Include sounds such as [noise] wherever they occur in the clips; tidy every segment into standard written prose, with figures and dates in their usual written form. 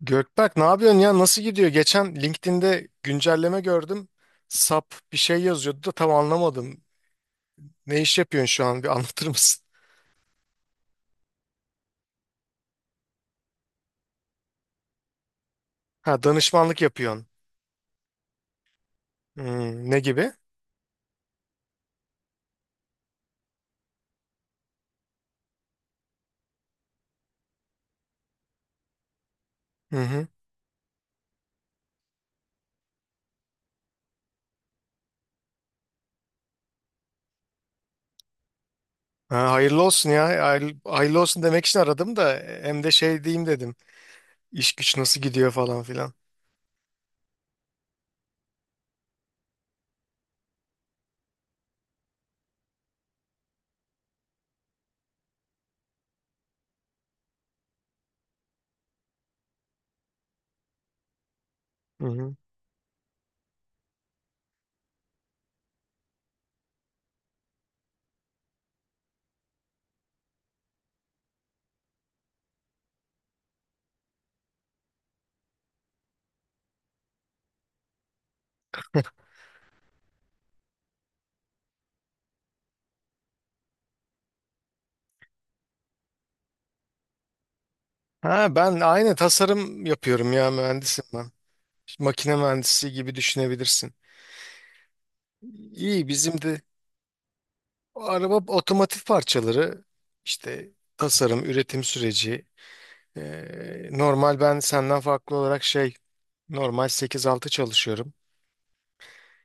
Gökberk ne yapıyorsun ya, nasıl gidiyor? Geçen LinkedIn'de güncelleme gördüm. SAP bir şey yazıyordu da tam anlamadım. Ne iş yapıyorsun şu an? Bir [laughs] anlatır mısın? Ha, danışmanlık yapıyorsun. Hmm, ne gibi? Hı hı. Ha, hayırlı olsun ya. Hayırlı, hayırlı olsun demek için aradım da hem de şey diyeyim dedim. İş güç nasıl gidiyor falan filan. Hı hı. Ha ben aynı tasarım yapıyorum ya, mühendisim ben. Makine mühendisi gibi düşünebilirsin. İyi, bizim de o araba otomotiv parçaları işte tasarım, üretim süreci. Normal ben senden farklı olarak şey, normal sekiz altı çalışıyorum.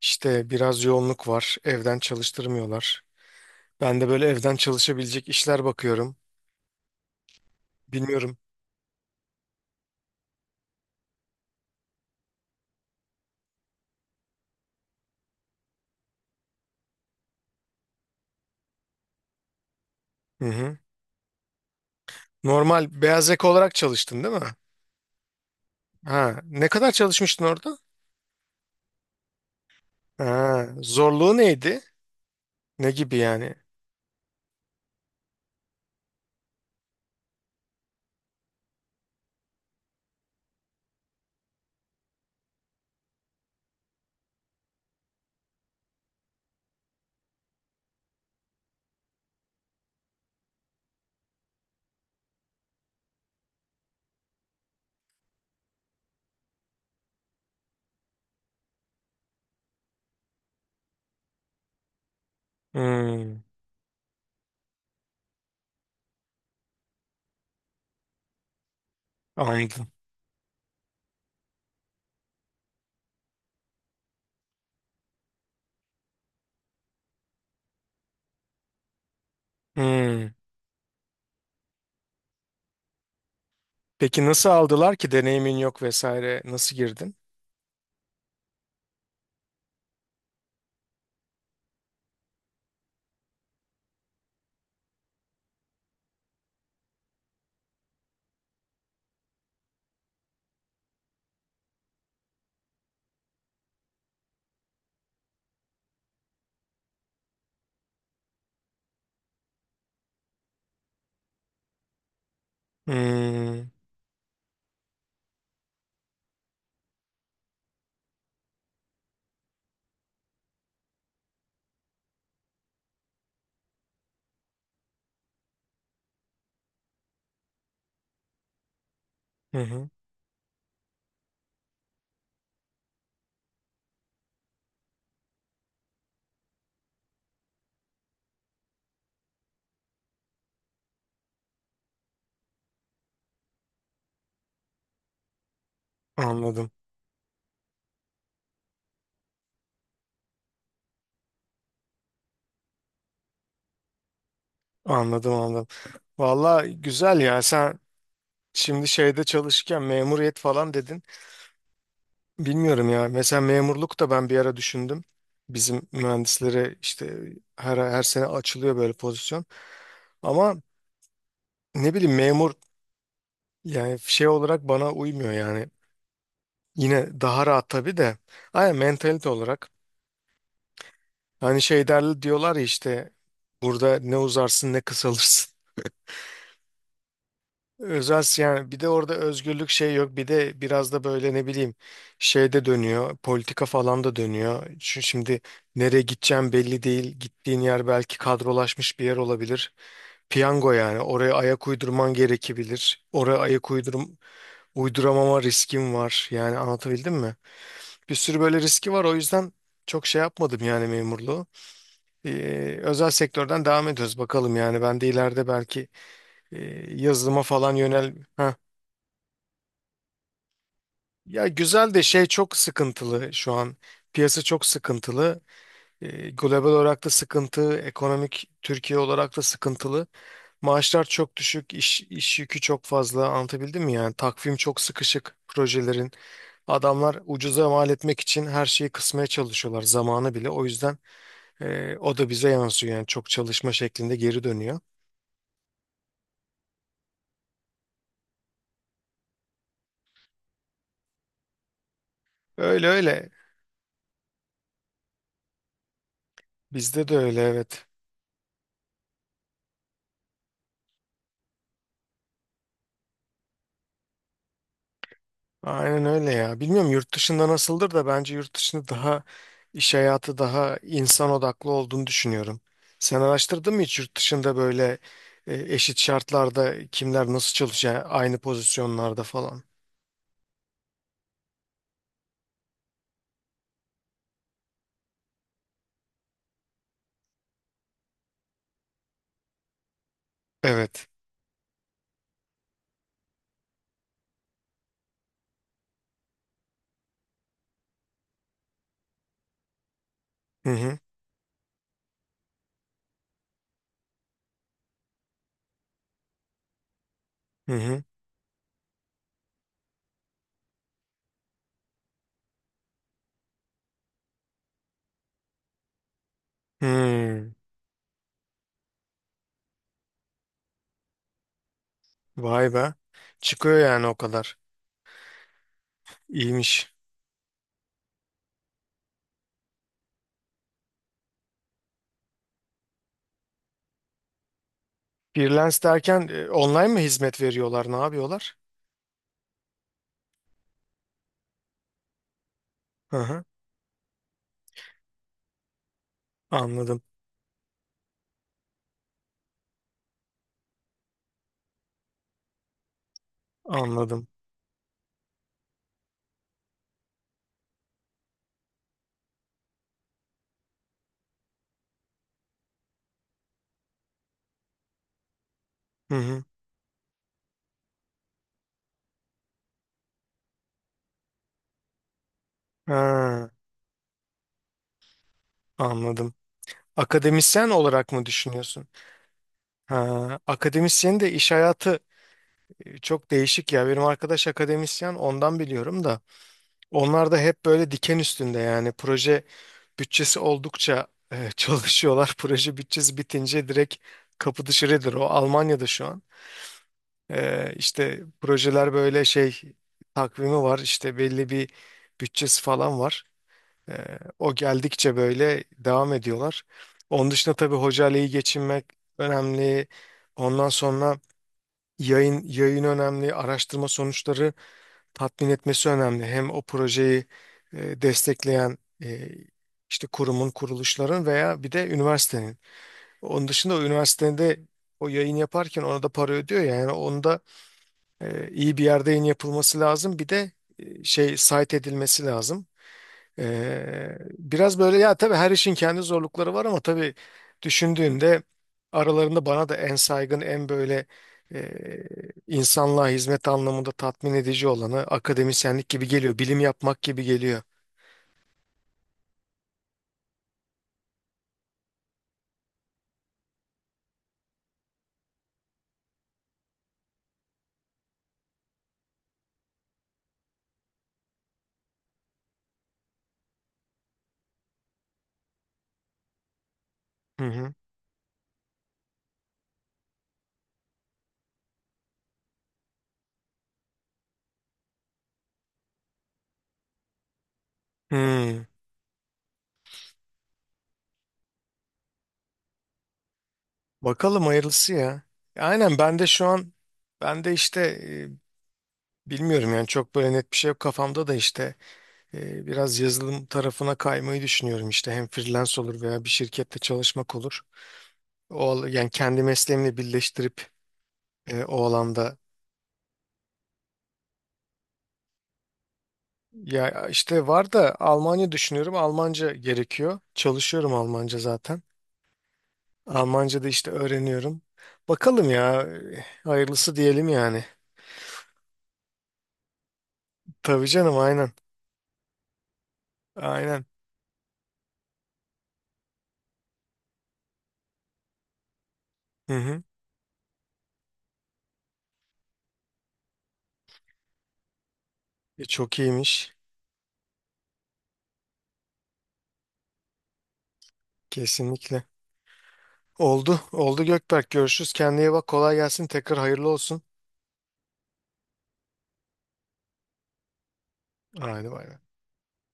İşte biraz yoğunluk var. Evden çalıştırmıyorlar. Ben de böyle evden çalışabilecek işler bakıyorum. Bilmiyorum. Hı hı. Normal beyaz yaka olarak çalıştın değil mi? Ha, ne kadar çalışmıştın orada? Ha, zorluğu neydi? Ne gibi yani? Hmm, anladım. Hmm. Peki nasıl aldılar ki, deneyimin yok vesaire, nasıl girdin? Hmm. Hı hı. Anladım. Anladım anladım. Valla güzel ya, sen şimdi şeyde çalışırken memuriyet falan dedin. Bilmiyorum ya, mesela memurluk da ben bir ara düşündüm. Bizim mühendislere işte her, her sene açılıyor böyle pozisyon. Ama ne bileyim, memur yani şey olarak bana uymuyor yani. Yine daha rahat tabii de. Aynen, mentalite olarak. Hani şey derler diyorlar ya, işte burada ne uzarsın ne kısalırsın. [laughs] Özel si-, yani bir de orada özgürlük şey yok, bir de biraz da böyle ne bileyim şey de dönüyor, politika falan da dönüyor. Çünkü şimdi nereye gideceğim belli değil, gittiğin yer belki kadrolaşmış bir yer olabilir. Piyango yani, oraya ayak uydurman gerekebilir. Oraya ayak uydurum, uyduramama riskim var yani, anlatabildim mi? Bir sürü böyle riski var, o yüzden çok şey yapmadım yani memurluğu. Özel sektörden devam ediyoruz bakalım, yani ben de ileride belki e, yazılıma falan yönel ha. Ya güzel de şey, çok sıkıntılı şu an, piyasa çok sıkıntılı. Global olarak da sıkıntı ekonomik, Türkiye olarak da sıkıntılı, maaşlar çok düşük, iş yükü çok fazla, anlatabildim mi yani, takvim çok sıkışık projelerin, adamlar ucuza mal etmek için her şeyi kısmaya çalışıyorlar, zamanı bile, o yüzden o da bize yansıyor yani, çok çalışma şeklinde geri dönüyor. Öyle öyle. Bizde de öyle, evet. Aynen öyle ya. Bilmiyorum yurt dışında nasıldır da, bence yurt dışında daha iş hayatı daha insan odaklı olduğunu düşünüyorum. Sen araştırdın mı hiç yurt dışında böyle eşit şartlarda kimler nasıl çalışıyor aynı pozisyonlarda falan? Evet. Hı hı. Hı hı. Hmm. Vay be. Çıkıyor yani o kadar. İyiymiş. Freelance derken online mı hizmet veriyorlar? Ne yapıyorlar? Hı hı. Anladım. Anladım. Hı hı. Ha, anladım. Akademisyen olarak mı düşünüyorsun? Ha, akademisyen de iş hayatı çok değişik ya. Benim arkadaş akademisyen, ondan biliyorum da. Onlar da hep böyle diken üstünde, yani proje bütçesi oldukça [laughs] çalışıyorlar. Proje bütçesi bitince direkt kapı dışarıdır. O Almanya'da şu an. E, işte projeler böyle şey, takvimi var, işte belli bir bütçesi falan var. O geldikçe böyle devam ediyorlar. Onun dışında tabii hocayla iyi geçinmek önemli. Ondan sonra yayın önemli, araştırma sonuçları tatmin etmesi önemli. Hem o projeyi destekleyen e, işte kurumun, kuruluşların veya bir de üniversitenin. Onun dışında o üniversitenin de o yayın yaparken ona da para ödüyor ya. Yani onda iyi bir yerde yayın yapılması lazım. Bir de şey, site edilmesi lazım. Biraz böyle ya, tabii her işin kendi zorlukları var, ama tabii düşündüğünde aralarında bana da en saygın, en böyle e, insanlığa hizmet anlamında tatmin edici olanı akademisyenlik gibi geliyor. Bilim yapmak gibi geliyor. Hı hı. Hmm. Bakalım hayırlısı ya. Aynen, ben de şu an ben de işte bilmiyorum yani, çok böyle net bir şey yok kafamda da, işte biraz yazılım tarafına kaymayı düşünüyorum, işte hem freelance olur veya bir şirkette çalışmak olur. O, al- yani kendi mesleğimle birleştirip o alanda ya işte var da, Almanya düşünüyorum. Almanca gerekiyor. Çalışıyorum Almanca zaten. Almanca da işte öğreniyorum. Bakalım ya, hayırlısı diyelim yani. Tabii canım, aynen. Aynen. Hı hı. E, çok iyiymiş. Kesinlikle. Oldu. Oldu Gökberk. Görüşürüz. Kendine iyi bak. Kolay gelsin. Tekrar hayırlı olsun. Haydi bay, bay.